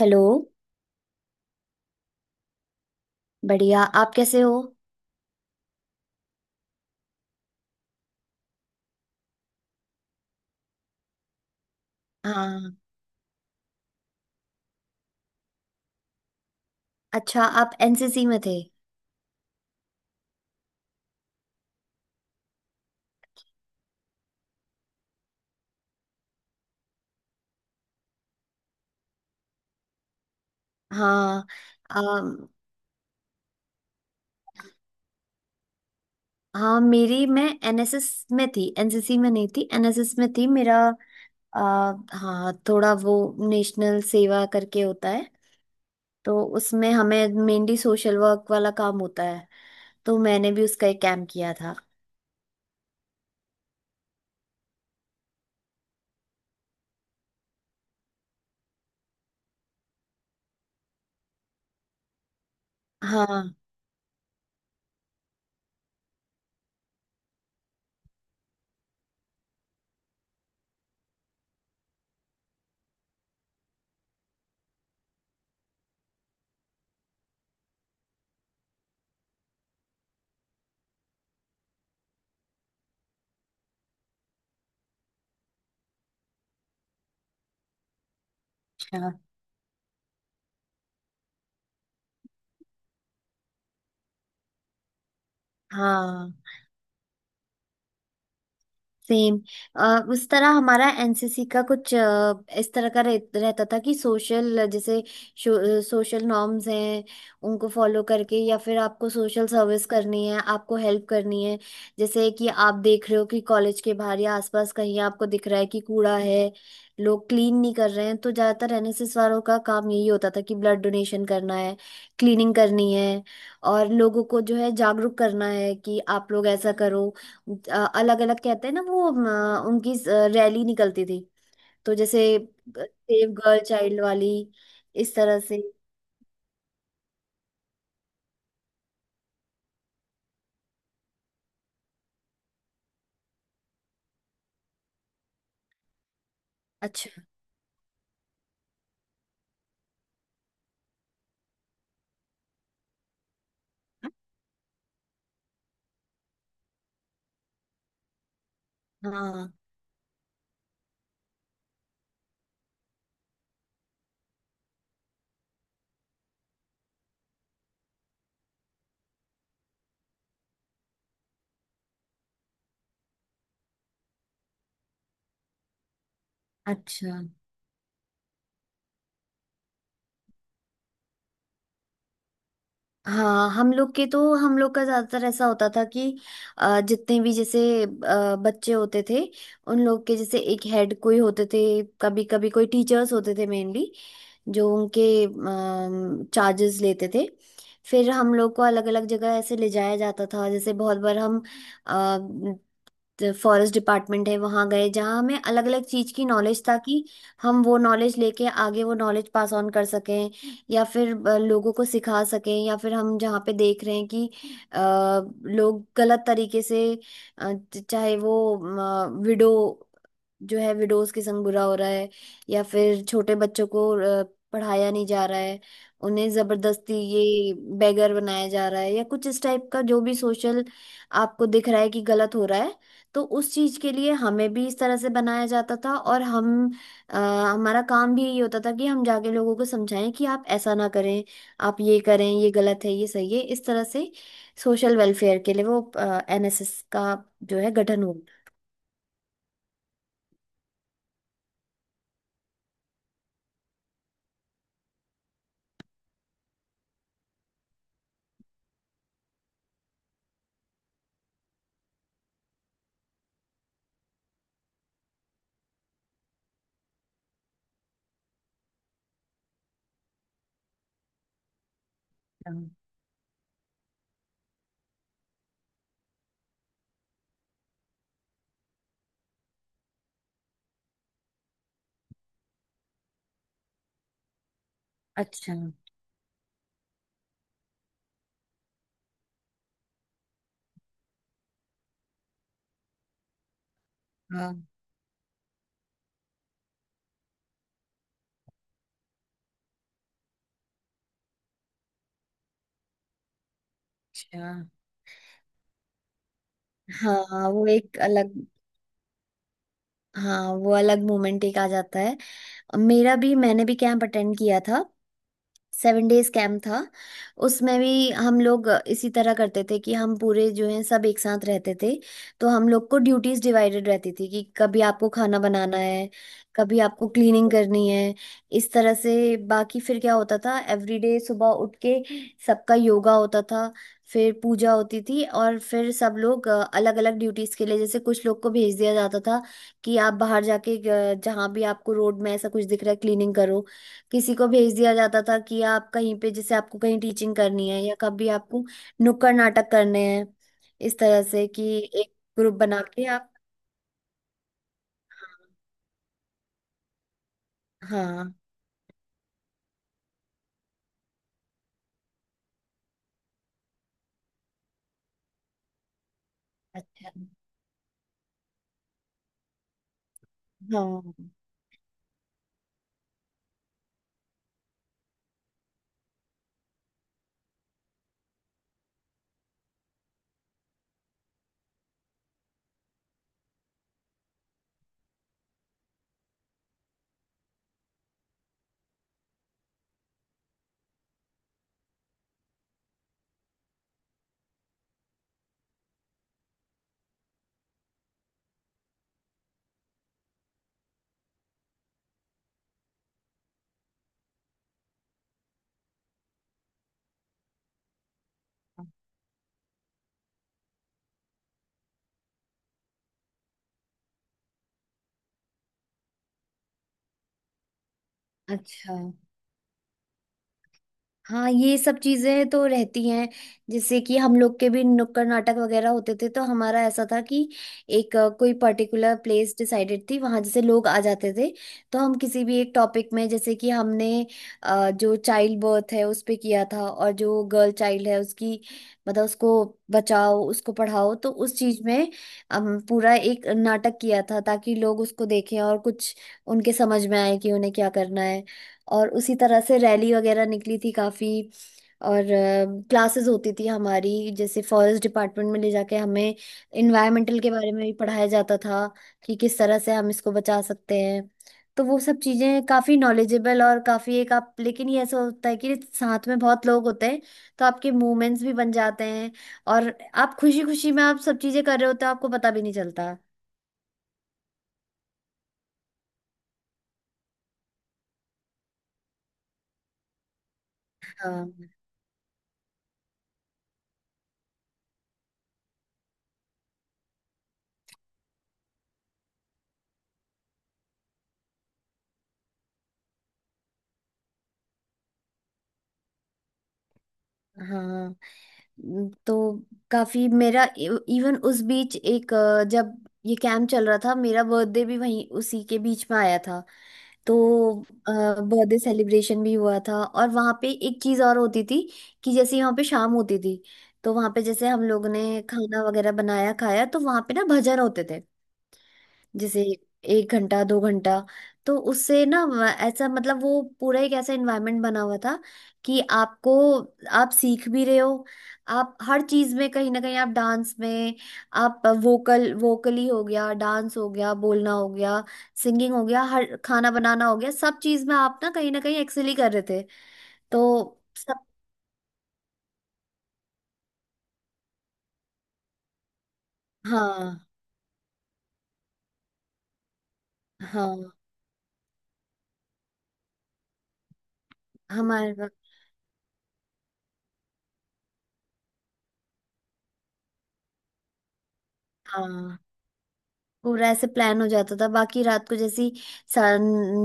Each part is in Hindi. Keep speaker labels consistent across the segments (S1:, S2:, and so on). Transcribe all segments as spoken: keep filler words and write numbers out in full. S1: हेलो। बढ़िया, आप कैसे हो? हाँ। अच्छा, आप एनसीसी में थे? हाँ। अम, हाँ, मेरी मैं एनएसएस में थी, एनसीसी में नहीं थी, एनएसएस में थी। मेरा आ, हाँ, थोड़ा वो नेशनल सेवा करके होता है। तो उसमें हमें मेनली सोशल वर्क वाला काम होता है। तो मैंने भी उसका एक कैम्प किया था। हाँ। अच्छा। हाँ, सेम। उस तरह हमारा एनसीसी का कुछ अ, इस तरह का रह, रहता था कि सोशल, जैसे सोशल नॉर्म्स हैं उनको फॉलो करके, या फिर आपको सोशल सर्विस करनी है, आपको हेल्प करनी है। जैसे कि आप देख रहे हो कि कॉलेज के बाहर या आसपास कहीं आपको दिख रहा है कि कूड़ा है, लोग क्लीन नहीं कर रहे हैं, तो ज्यादातर एनएसएस वालों का काम यही होता था कि ब्लड डोनेशन करना है, क्लीनिंग करनी है, और लोगों को जो है जागरूक करना है कि आप लोग ऐसा करो। अलग अलग कहते हैं ना, वो अ, उनकी रैली निकलती थी। तो जैसे सेव गर्ल चाइल्ड वाली, इस तरह से। अच्छा। हाँ। अच्छा। हाँ, हम लोग के तो, हम लोग का ज्यादातर ऐसा होता था कि अ, जितने भी जैसे अ, बच्चे होते थे, उन लोग के जैसे एक हेड कोई होते थे, कभी कभी कोई टीचर्स होते थे मेनली, जो उनके चार्जेस लेते थे। फिर हम लोग को अलग अलग जगह ऐसे ले जाया जाता था, जैसे बहुत बार हम फॉरेस्ट डिपार्टमेंट है वहाँ गए, जहाँ हमें अलग अलग चीज़ की नॉलेज, ताकि हम वो नॉलेज लेके आगे वो नॉलेज पास ऑन कर सकें, या फिर अ, लोगों को सिखा सकें। या फिर हम जहाँ पे देख रहे हैं कि अ, लोग गलत तरीके से, अ, चाहे वो विडो जो है, विडोज के संग बुरा हो रहा है, या फिर छोटे बच्चों को अ, पढ़ाया नहीं जा रहा है, उन्हें जबरदस्ती ये बेगर बनाया जा रहा है, या कुछ इस टाइप का जो भी सोशल आपको दिख रहा है कि गलत हो रहा है, तो उस चीज के लिए हमें भी इस तरह से बनाया जाता था। और हम, अ, हमारा काम भी यही होता था कि हम जाके लोगों को समझाएं कि आप ऐसा ना करें, आप ये करें, ये गलत है ये सही है, इस तरह से सोशल वेलफेयर के लिए वो एनएसएस का जो है गठन हुआ। अच्छा। हाँ। अच्छा। हाँ, वो एक अलग, हाँ वो अलग मोमेंट एक आ जाता है। मेरा भी, मैंने भी कैंप अटेंड किया था। सेवन डेज कैंप था। उसमें भी हम लोग इसी तरह करते थे कि हम पूरे जो हैं सब एक साथ रहते थे। तो हम लोग को ड्यूटीज डिवाइडेड रहती थी कि कभी आपको खाना बनाना है, कभी आपको क्लीनिंग करनी है, इस तरह से। बाकी फिर क्या होता था, एवरीडे सुबह उठ के सबका योगा होता था, फिर पूजा होती थी, और फिर सब लोग अलग अलग ड्यूटीज के लिए, जैसे कुछ लोग को भेज दिया जाता था कि आप बाहर जाके अ, जहाँ भी आपको रोड में ऐसा कुछ दिख रहा है क्लीनिंग करो, किसी को भेज दिया जाता था कि आप कहीं पे, जैसे आपको कहीं टीचिंग करनी है, या कभी आपको नुक्कड़ नाटक करने हैं, इस तरह से कि एक ग्रुप बना के आप। हाँ। अच्छा। हाँ। अच्छा। हाँ, ये सब चीजें तो रहती हैं। जैसे कि हम लोग के भी नुक्कड़ नाटक वगैरह होते थे, तो हमारा ऐसा था कि एक, अ, कोई पर्टिकुलर प्लेस डिसाइडेड थी, वहां जैसे लोग आ जाते थे, तो हम किसी भी एक टॉपिक में, जैसे कि हमने अ, जो चाइल्ड बर्थ है उस पे किया था, और जो गर्ल चाइल्ड है उसकी मतलब उसको बचाओ उसको पढ़ाओ, तो उस चीज में हम पूरा एक नाटक किया था, ताकि लोग उसको देखें और कुछ उनके समझ में आए कि उन्हें क्या करना है। और उसी तरह से रैली वगैरह निकली थी काफी। और क्लासेस होती थी हमारी, जैसे फॉरेस्ट डिपार्टमेंट में ले जाके हमें इन्वायरमेंटल के बारे में भी पढ़ाया जाता था कि किस तरह से हम इसको बचा सकते हैं। तो वो सब चीजें काफी नॉलेजेबल, और काफी एक आप, लेकिन ये ऐसा होता है कि साथ में बहुत लोग होते हैं, तो आपके मूवमेंट्स भी बन जाते हैं, और आप खुशी खुशी में आप सब चीजें कर रहे होते हो, आपको पता भी नहीं चलता। हाँ, हाँ। तो काफी मेरा इवन उस बीच एक, अ, जब ये कैंप चल रहा था मेरा बर्थडे भी वहीं उसी के बीच में आया था। तो बर्थडे सेलिब्रेशन भी हुआ था, और वहाँ पे एक चीज़ और होती थी कि जैसे यहाँ पे शाम होती थी, तो वहाँ पे जैसे हम लोग ने खाना वगैरह बनाया खाया तो वहाँ पे ना भजन होते थे, जैसे एक घंटा दो घंटा। तो उससे ना व- ऐसा, मतलब वो पूरा एक ऐसा इन्वायरमेंट बना हुआ था कि आपको आप सीख भी रहे हो, आप हर चीज में कहीं ना कहीं, आप डांस में, आप वोकल, वोकली हो गया, डांस हो गया, बोलना हो गया, सिंगिंग हो गया, हर खाना बनाना हो गया, सब चीज में आप ना कहीं ना कहीं एक्सेल ही कर रहे थे। तो सब। हाँ, हाँ। हमारे वक्त- हाँ, पूरा ऐसे प्लान हो जाता था। बाकी रात को जैसी, सा-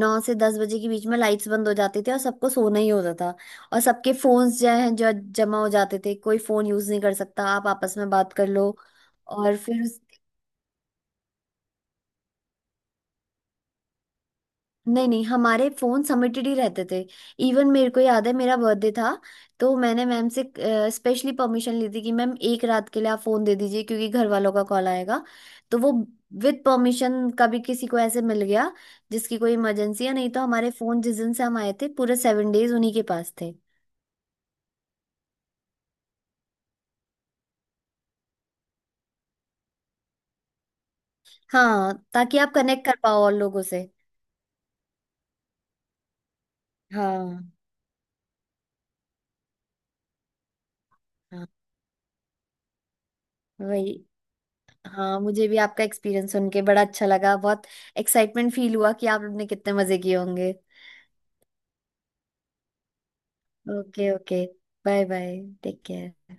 S1: नौ से दस बजे के बीच में लाइट्स बंद हो जाती थी, और सबको सोना ही होता था। और सबके फोन्स जो है जो जमा हो जाते थे, कोई फोन यूज नहीं कर सकता, आप आपस में बात कर लो। और फिर उस- नहीं नहीं, हमारे फोन सबमिटेड ही रहते थे। इवन मेरे को याद है मेरा बर्थडे था, तो मैंने मैम से स्पेशली परमिशन ली थी कि मैम एक रात के लिए आप फोन दे दीजिए क्योंकि घर वालों का कॉल आएगा। तो वो विद परमिशन कभी किसी को ऐसे मिल गया जिसकी कोई इमरजेंसी है, नहीं तो हमारे फोन जिस दिन से हम आए थे पूरे सेवन डेज उन्हीं के पास थे। हाँ, ताकि आप कनेक्ट कर पाओ और लोगों से। हाँ, हाँ। वही। हाँ, मुझे भी आपका एक्सपीरियंस सुन के बड़ा अच्छा लगा, बहुत एक्साइटमेंट फील हुआ कि आपने कितने मजे किए होंगे। Okay okay. Bye bye. Take care.